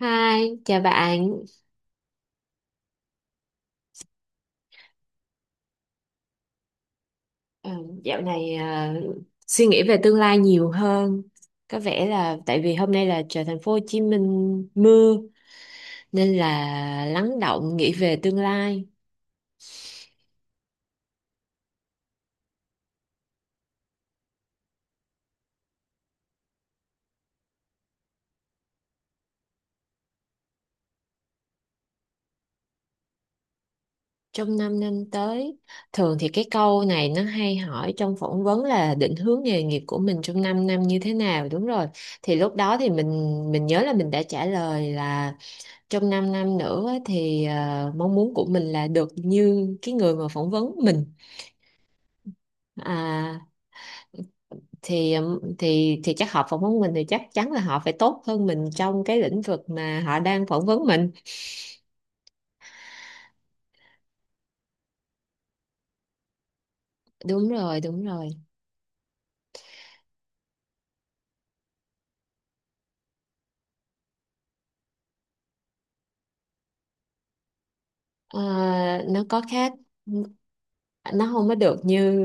Hi, chào bạn. Ờ, Dạo này suy nghĩ về tương lai nhiều hơn. Có vẻ là tại vì hôm nay là trời thành phố Hồ Chí Minh mưa nên là lắng động nghĩ về tương lai trong 5 năm tới. Thường thì cái câu này nó hay hỏi trong phỏng vấn là định hướng nghề nghiệp của mình trong 5 năm như thế nào, đúng rồi. Thì lúc đó thì mình nhớ là mình đã trả lời là trong 5 năm nữa thì mong muốn của mình là được như cái người mà phỏng vấn mình. À, thì thì chắc họ phỏng vấn mình thì chắc chắn là họ phải tốt hơn mình trong cái lĩnh vực mà họ đang phỏng vấn mình. Đúng rồi, đúng rồi. Ờ, nó có khác, nó không có được như,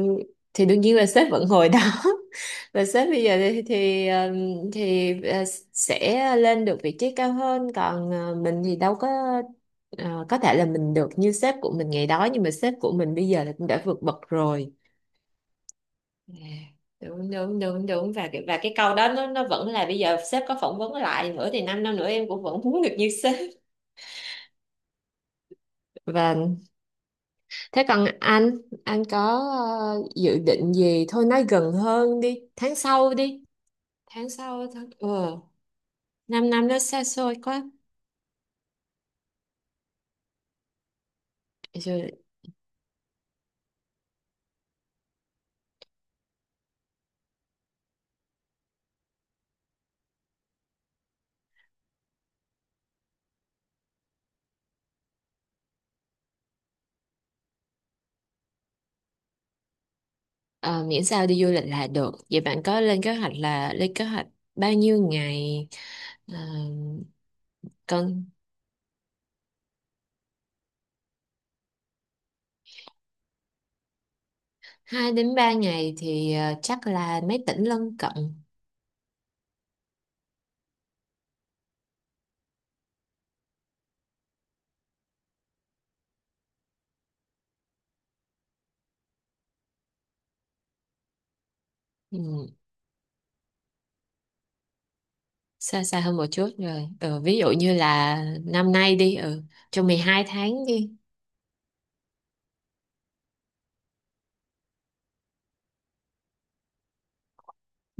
thì đương nhiên là sếp vẫn ngồi đó và sếp bây giờ thì sẽ lên được vị trí cao hơn, còn mình thì đâu có. Có thể là mình được như sếp của mình ngày đó nhưng mà sếp của mình bây giờ là cũng đã vượt bậc rồi. À, đúng đúng đúng đúng. Và cái câu đó nó vẫn là bây giờ sếp có phỏng vấn lại nữa thì 5 năm năm nữa em cũng vẫn muốn được như sếp. Và thế còn anh có dự định gì, thôi nói gần hơn đi, tháng sau đi. Tháng sau, tháng, 5 năm nó xa xôi quá rồi. Ờ, Miễn sao đi du lịch là được. Vậy bạn có lên kế hoạch, là lên kế hoạch bao nhiêu ngày? Ờ, Còn 2 đến 3 ngày thì chắc là mấy tỉnh lân cận. Ừ. Xa xa hơn một chút rồi, ví dụ như là năm nay đi, trong 12 tháng đi.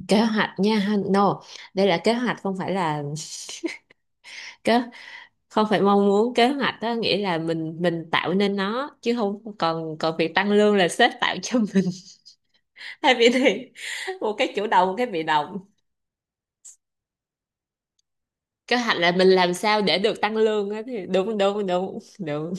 Kế hoạch nha ha. No, đây là kế hoạch không phải là, kế không phải mong muốn. Kế hoạch đó nghĩa là mình tạo nên nó chứ không, còn còn việc tăng lương là sếp tạo cho mình. Hai vị thì một cái chủ động, một cái bị động. Kế hoạch là mình làm sao để được tăng lương á, thì đúng đúng đúng đúng.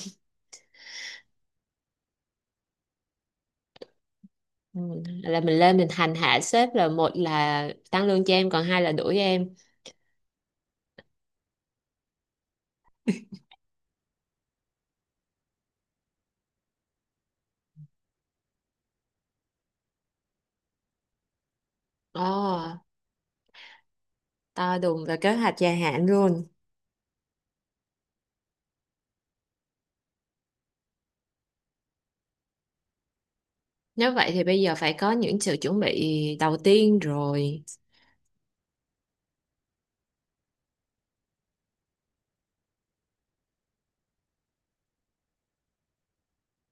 Ừ, là mình lên mình hành hạ sếp, là một là tăng lương cho em, còn hai là đuổi em. Ồ, to đùng và kế hoạch dài hạn luôn. Nếu vậy thì bây giờ phải có những sự chuẩn bị đầu tiên rồi.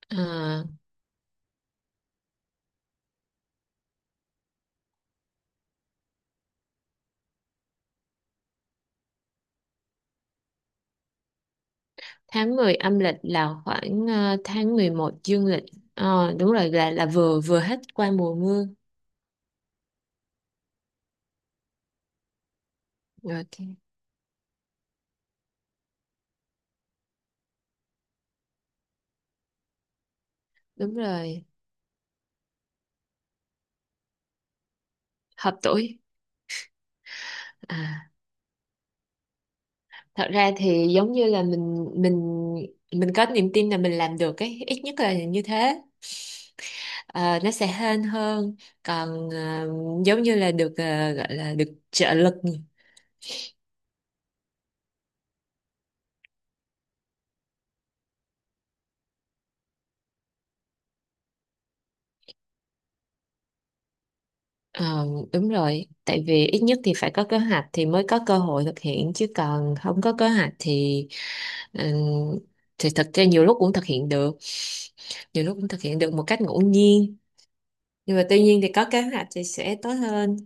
Ờ, Tháng 10 âm lịch là khoảng tháng 11 dương lịch. Đúng rồi, là vừa vừa hết qua mùa mưa. Ok, đúng rồi. Hợp tuổi. À, thật ra thì giống như là mình có niềm tin là mình làm được ấy, ít nhất là như thế. Ờ, nó sẽ hên hơn, còn giống như là được, gọi là được trợ lực. Ờ, Đúng rồi, tại vì ít nhất thì phải có kế hoạch thì mới có cơ hội thực hiện, chứ còn không có kế hoạch ừm, thì thật ra nhiều lúc cũng thực hiện được, nhiều lúc cũng thực hiện được một cách ngẫu nhiên, nhưng mà tuy nhiên thì có kế hoạch thì sẽ tốt hơn.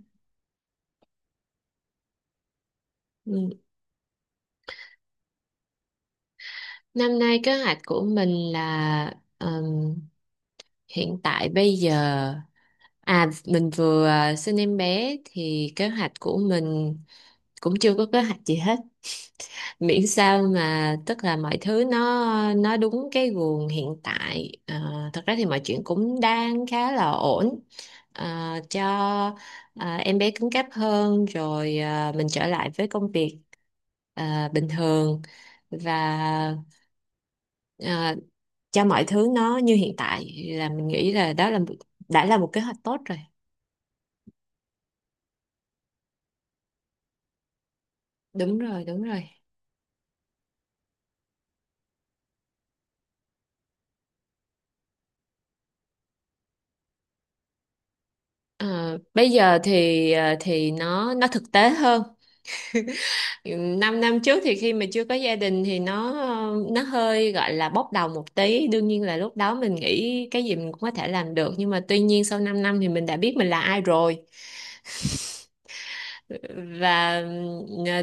Ừ. Năm nay kế hoạch của mình là, hiện tại bây giờ mình vừa sinh em bé thì kế hoạch của mình cũng chưa có kế hoạch gì hết. Miễn sao, mà tức là mọi thứ nó đúng cái guồng hiện tại, thật ra thì mọi chuyện cũng đang khá là ổn. Cho em bé cứng cáp hơn rồi, mình trở lại với công việc bình thường, và à, cho mọi thứ nó như hiện tại là mình nghĩ là đó là đã là một kế hoạch tốt rồi. Đúng rồi, đúng rồi. Ờ, Bây giờ thì nó thực tế hơn. 5 năm trước thì khi mà chưa có gia đình thì nó hơi gọi là bốc đồng một tí, đương nhiên là lúc đó mình nghĩ cái gì mình cũng có thể làm được, nhưng mà tuy nhiên sau 5 năm thì mình đã biết mình là ai rồi. Và ờ,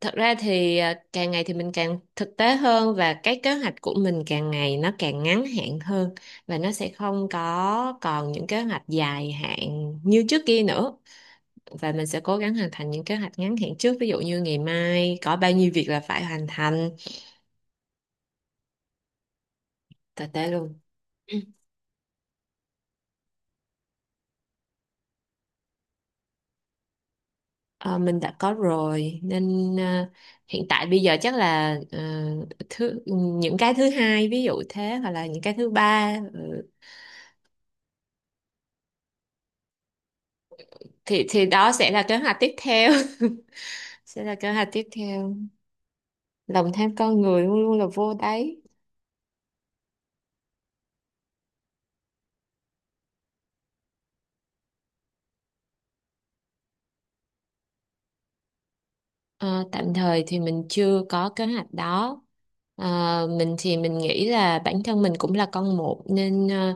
thật ra thì càng ngày thì mình càng thực tế hơn, và cái kế hoạch của mình càng ngày nó càng ngắn hạn hơn, và nó sẽ không có còn những kế hoạch dài hạn như trước kia nữa, và mình sẽ cố gắng hoàn thành những kế hoạch ngắn hạn trước, ví dụ như ngày mai có bao nhiêu việc là phải hoàn thành. Thực tế luôn. Ừ. Ờ, mình đã có rồi, nên hiện tại bây giờ chắc là thứ những cái thứ hai ví dụ thế, hoặc là những cái thứ ba. Ừ. thì đó sẽ là kế hoạch tiếp theo. Sẽ là kế hoạch tiếp theo. Lòng tham con người luôn luôn là vô đáy. Ờ, Tạm thời thì mình chưa có kế hoạch đó. Ờ, mình thì mình nghĩ là bản thân mình cũng là con một, nên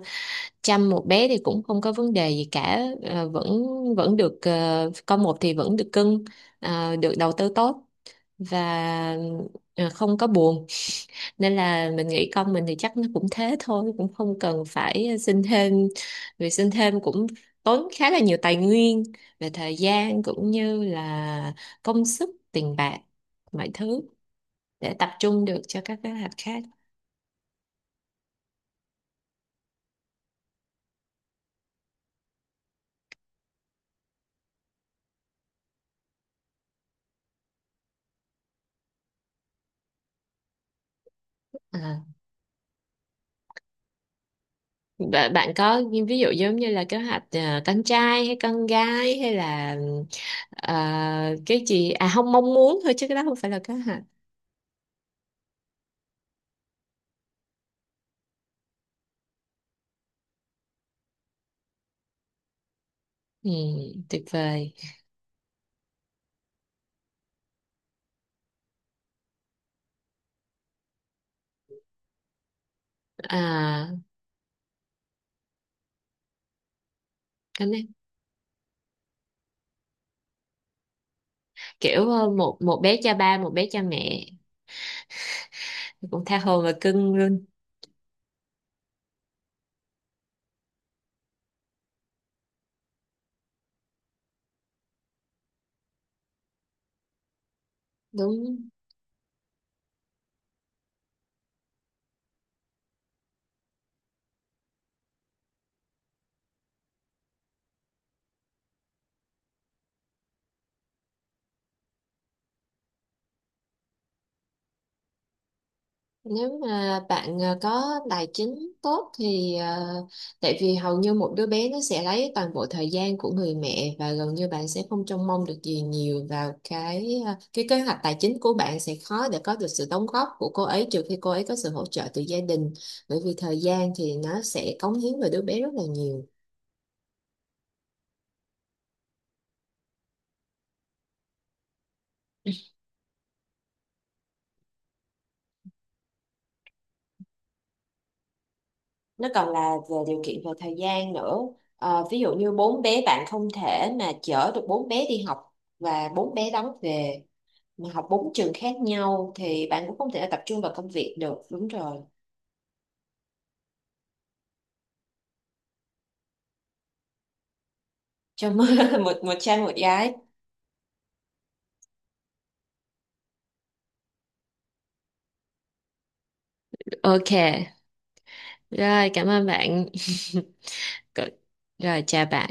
chăm một bé thì cũng không có vấn đề gì cả. Ờ, Vẫn vẫn được, con một thì vẫn được cưng, được đầu tư tốt và không có buồn. Nên là mình nghĩ con mình thì chắc nó cũng thế thôi, cũng không cần phải xin thêm, vì xin thêm cũng tốn khá là nhiều tài nguyên về thời gian cũng như là công sức, tiền bạc, mọi thứ, để tập trung được cho các kế hoạch khác. À. Bạn bạn có những ví dụ giống như là kế hoạch con trai hay con gái, hay là cái gì không? Mong muốn thôi chứ cái đó không phải là kế hoạch. Ừ, tuyệt vời. à, Kiểu một một bé cha ba, một bé cha mẹ, cũng tha hồ và cưng luôn. Đúng, nếu mà bạn có tài chính tốt thì, tại vì hầu như một đứa bé nó sẽ lấy toàn bộ thời gian của người mẹ, và gần như bạn sẽ không trông mong được gì nhiều vào cái kế hoạch tài chính của bạn, sẽ khó để có được sự đóng góp của cô ấy, trừ khi cô ấy có sự hỗ trợ từ gia đình, bởi vì thời gian thì nó sẽ cống hiến vào đứa bé rất là nhiều. Nó còn là về điều kiện về thời gian nữa. Ví dụ như bốn bé, bạn không thể mà chở được bốn bé đi học và bốn bé đón về, mà học bốn trường khác nhau thì bạn cũng không thể tập trung vào công việc được. Đúng rồi. Cho một một trai một gái. Ok, rồi cảm ơn bạn. Rồi chào bạn.